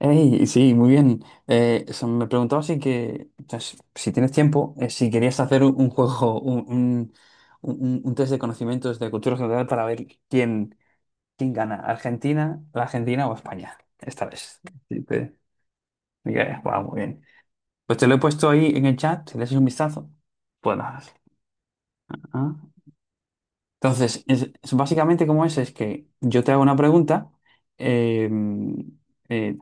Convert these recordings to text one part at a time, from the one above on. Ey, sí, muy bien. Me preguntaba o sea, si tienes tiempo, si querías hacer un juego, un test de conocimientos de cultura general para ver quién gana, Argentina, la Argentina o España, esta vez. Sí, dije: "Guau, muy bien." Pues te lo he puesto ahí en el chat, si le echas un vistazo. Puedes. Ah. Entonces, es básicamente como es que yo te hago una pregunta. eh, eh,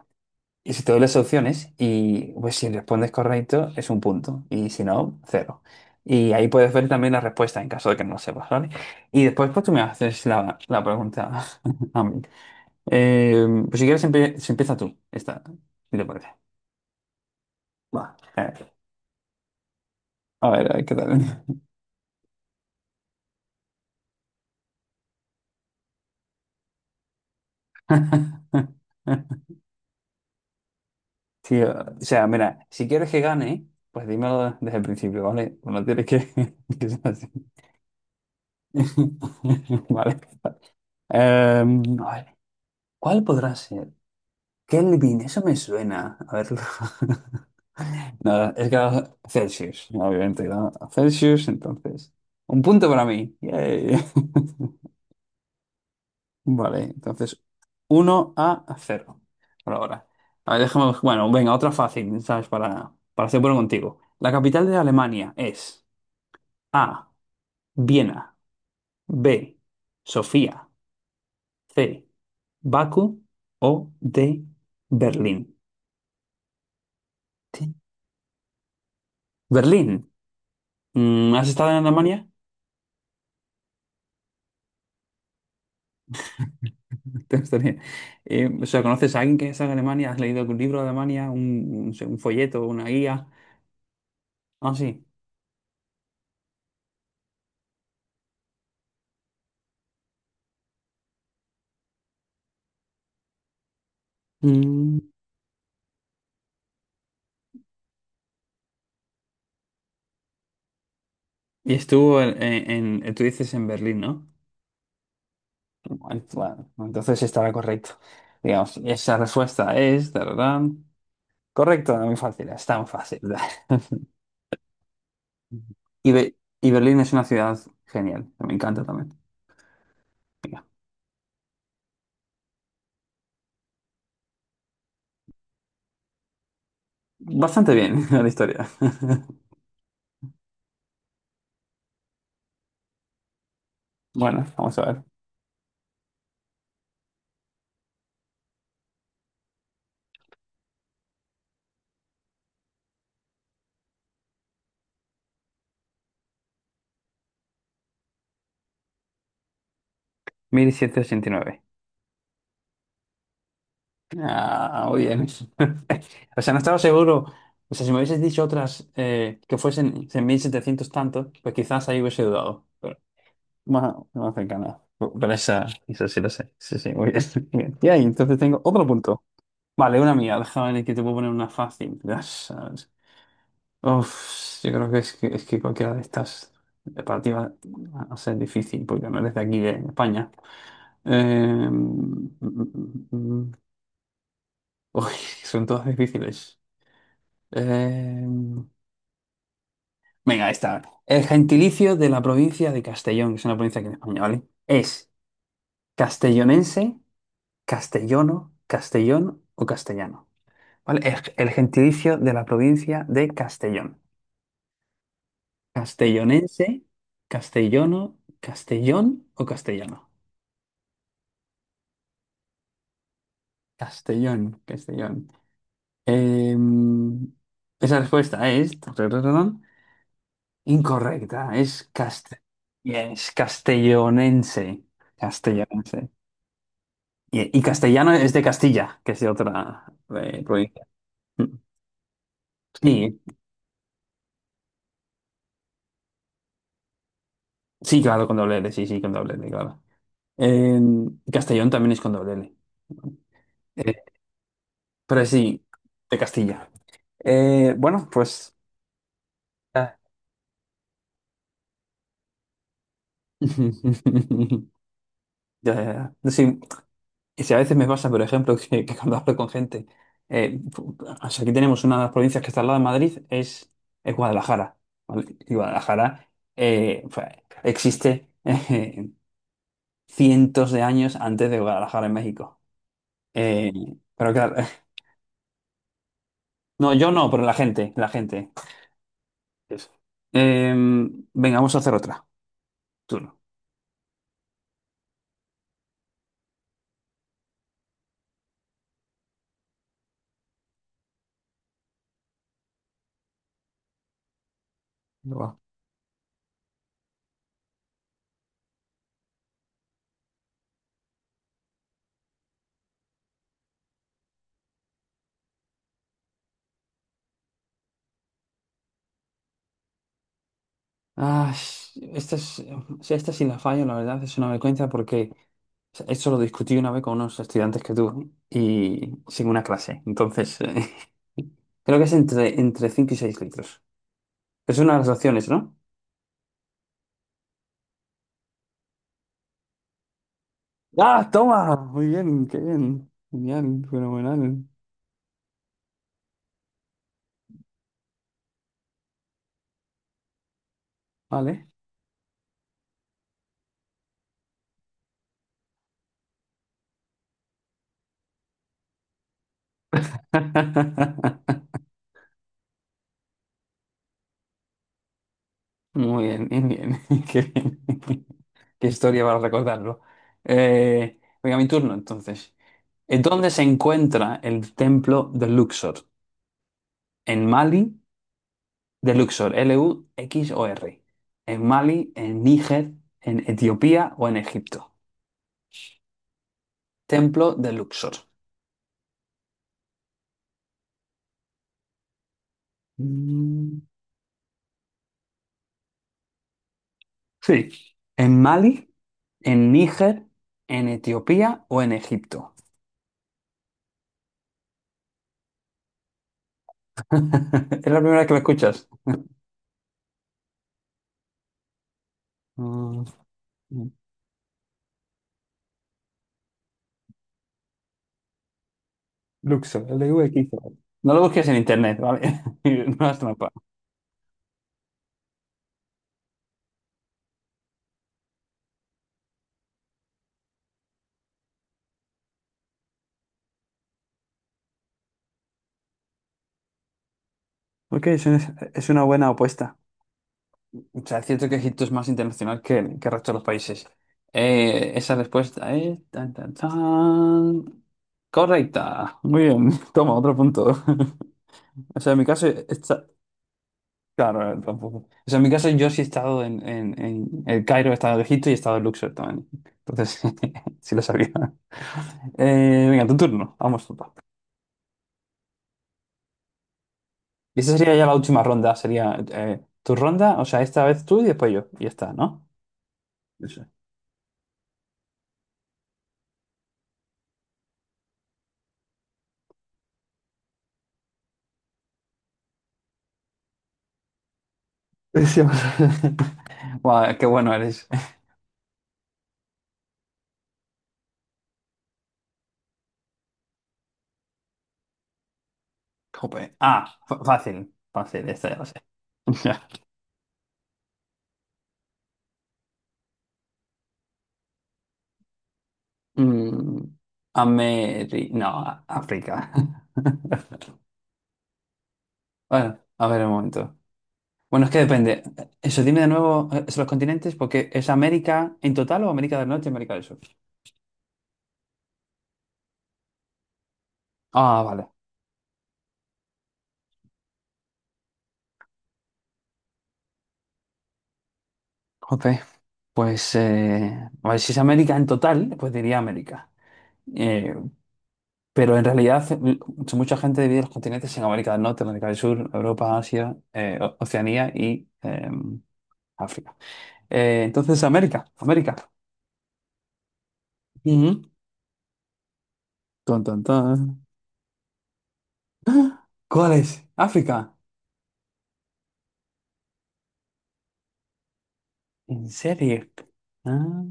Y si te doy las opciones y pues si respondes correcto es un punto y si no, cero. Y ahí puedes ver también la respuesta en caso de que no lo sepas, ¿vale? Y después pues tú me haces la pregunta a mí. Pues si quieres se empieza tú, esta, si te parece. Va. A ver qué tal. Sí, o sea, mira, si quieres que gane, pues dímelo desde el principio, ¿vale? No tienes que, que ser así. Vale. A ver. ¿Cuál podrá ser? Kelvin, eso me suena. A ver. Nada, es que era Celsius, obviamente, ¿no? Celsius, entonces. Un punto para mí. Yay. Vale, entonces 1-0. Por ahora. A ver, déjame. Bueno, venga, otra fácil, ¿sabes? Para ser bueno contigo. La capital de Alemania es: A. Viena. B. Sofía. C. Bakú. O D. Berlín. Ti- Berlín. ¿Has estado en Alemania? Te gustaría. O sea, ¿conoces a alguien que es de Alemania? ¿Has leído algún libro de Alemania? ¿Un folleto, una guía? Ah, sí. Mm. Y estuvo en, tú dices en Berlín, ¿no? Bueno, bueno, entonces estará correcto. Digamos, esa respuesta es... tararán, correcto, muy fácil, es tan fácil. Y Berlín es una ciudad genial, me encanta también. Venga. Bastante bien la historia. Bueno, vamos a ver. 1789. Ah, muy bien. O sea, no estaba seguro. O sea, si me hubieses dicho otras que fuesen en 1700 tantos, pues quizás ahí hubiese dudado. Pero más, más cercana. Pero esa sí lo sé. Sí, sí, muy bien. Bien. Y ahí, entonces tengo otro punto. Vale, una mía. Déjame ver que te puedo poner una fácil. Ya sabes. Uf, yo creo que es que cualquiera de estas para ti va a ser difícil porque no eres de aquí, de España. Eh, mm, mm, mm, mm. mm. Uy, son todas difíciles. Eh, Venga, esta. El gentilicio de la provincia de Castellón, que es una provincia aquí en España, ¿vale?, es castellonense, castellono, castellón o castellano. ¿Vale? El gentilicio de la provincia de Castellón. Castellonense, castellono, castellón o castellano. Castellón, Castellón. Eh, Esa respuesta es tarararán, incorrecta. Es yes, castellonense. Castellonense. Y castellano es de Castilla, que es de otra provincia. Sí, sí, claro, con doble L, sí, sí, con doble L, claro. En Castellón también es con doble L. Eh, pero sí, de Castilla. Bueno, pues... Ah. Ya, ya, ya. Sí, y si a veces me pasa, por ejemplo, que cuando hablo con gente, o sea, aquí tenemos una de las provincias que está al lado de Madrid, es Guadalajara, ¿vale? Y Guadalajara existe cientos de años antes de Guadalajara en México. Eh, pero claro, no, yo no, pero la gente, la gente. Eso. Eh, Venga, vamos a hacer otra. Turno. Va. Ah, esta es... si esta sí la fallo, la verdad, es una vergüenza porque o sea, esto lo discutí una vez con unos estudiantes que tuve y sin una clase. Entonces, creo que es entre 5 y 6 litros. Es una de las opciones, ¿no? ¡Ah, toma! Muy bien, qué bien. Genial, fenomenal. Vale. Muy bien, bien, bien. Qué bien. Qué historia para recordarlo. Venga, mi turno entonces. ¿En ¿Dónde se encuentra el templo de Luxor? ¿En Mali? De Luxor, L-U-X-O-R. ¿En Mali, en Níger, en Etiopía o en Egipto? Templo de Luxor. Mm, sí. ¿En Mali, en Níger, en Etiopía o en Egipto? Es la primera vez que lo escuchas. Mm. Luxor, LVXO. No lo busques en internet, ¿vale? No hagas trampa. Ok, es una buena apuesta. O sea, es cierto que Egipto es más internacional que el resto de los países. Esa respuesta es... tan, tan, tan. Correcta. Muy bien. Toma, otro punto. O sea, en mi caso... está... Claro, tampoco. O sea, en mi caso yo sí he estado en, en el Cairo, he estado en Egipto y he estado en Luxor también. Entonces, sí lo sabía. Venga, tu turno. Vamos, tú. Y esa sería ya la última ronda, sería tu ronda, o sea, esta vez tú y después yo. Y ya está, ¿no? Eso. Decíamos. Guau, qué bueno eres. Jope. Ah, fácil, fácil, esta ya lo sé. Ya. Mm, No, África. Bueno, a ver un momento. Bueno, es que depende. Eso, dime de nuevo los continentes, porque es América en total o América del Norte y América del Sur. Ah, vale. Jope. Pues, a ver, si es América en total, pues diría América. Eh, pero en realidad mucha gente divide los continentes en América del Norte, América del Sur, Europa, Asia, Oceanía y África. Entonces, América, América. Ujú. Ton, ton, ton. ¡Ah! ¿Cuál es? África. ¿En serio? Ah,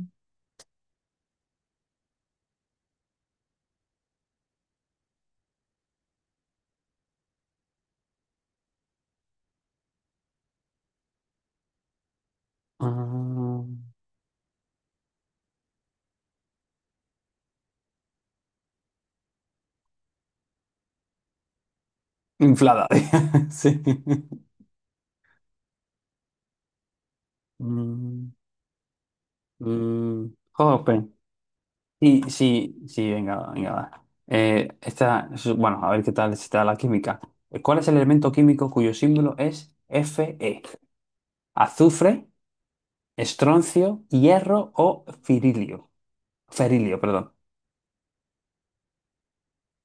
ah. Inflada. Sí. Mm, mm. Jope. Sí, sí, sí, venga, venga, va. Esta, bueno, a ver qué tal está la química. ¿Cuál es el elemento químico cuyo símbolo es Fe? ¿Azufre, estroncio, hierro o firilio? Ferilio, perdón.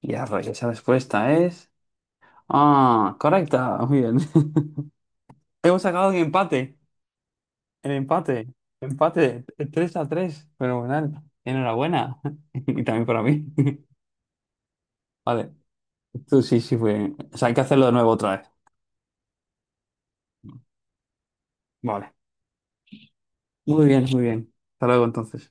Hierro, y esa respuesta es... Ah, correcta, muy bien. Hemos sacado un empate, el empate, empate, Tres a 3, fenomenal. Enhorabuena, y también para mí. Vale, tú sí, sí fue. O sea, hay que hacerlo de nuevo otra vez. Vale. Muy bien, muy bien. Hasta luego entonces.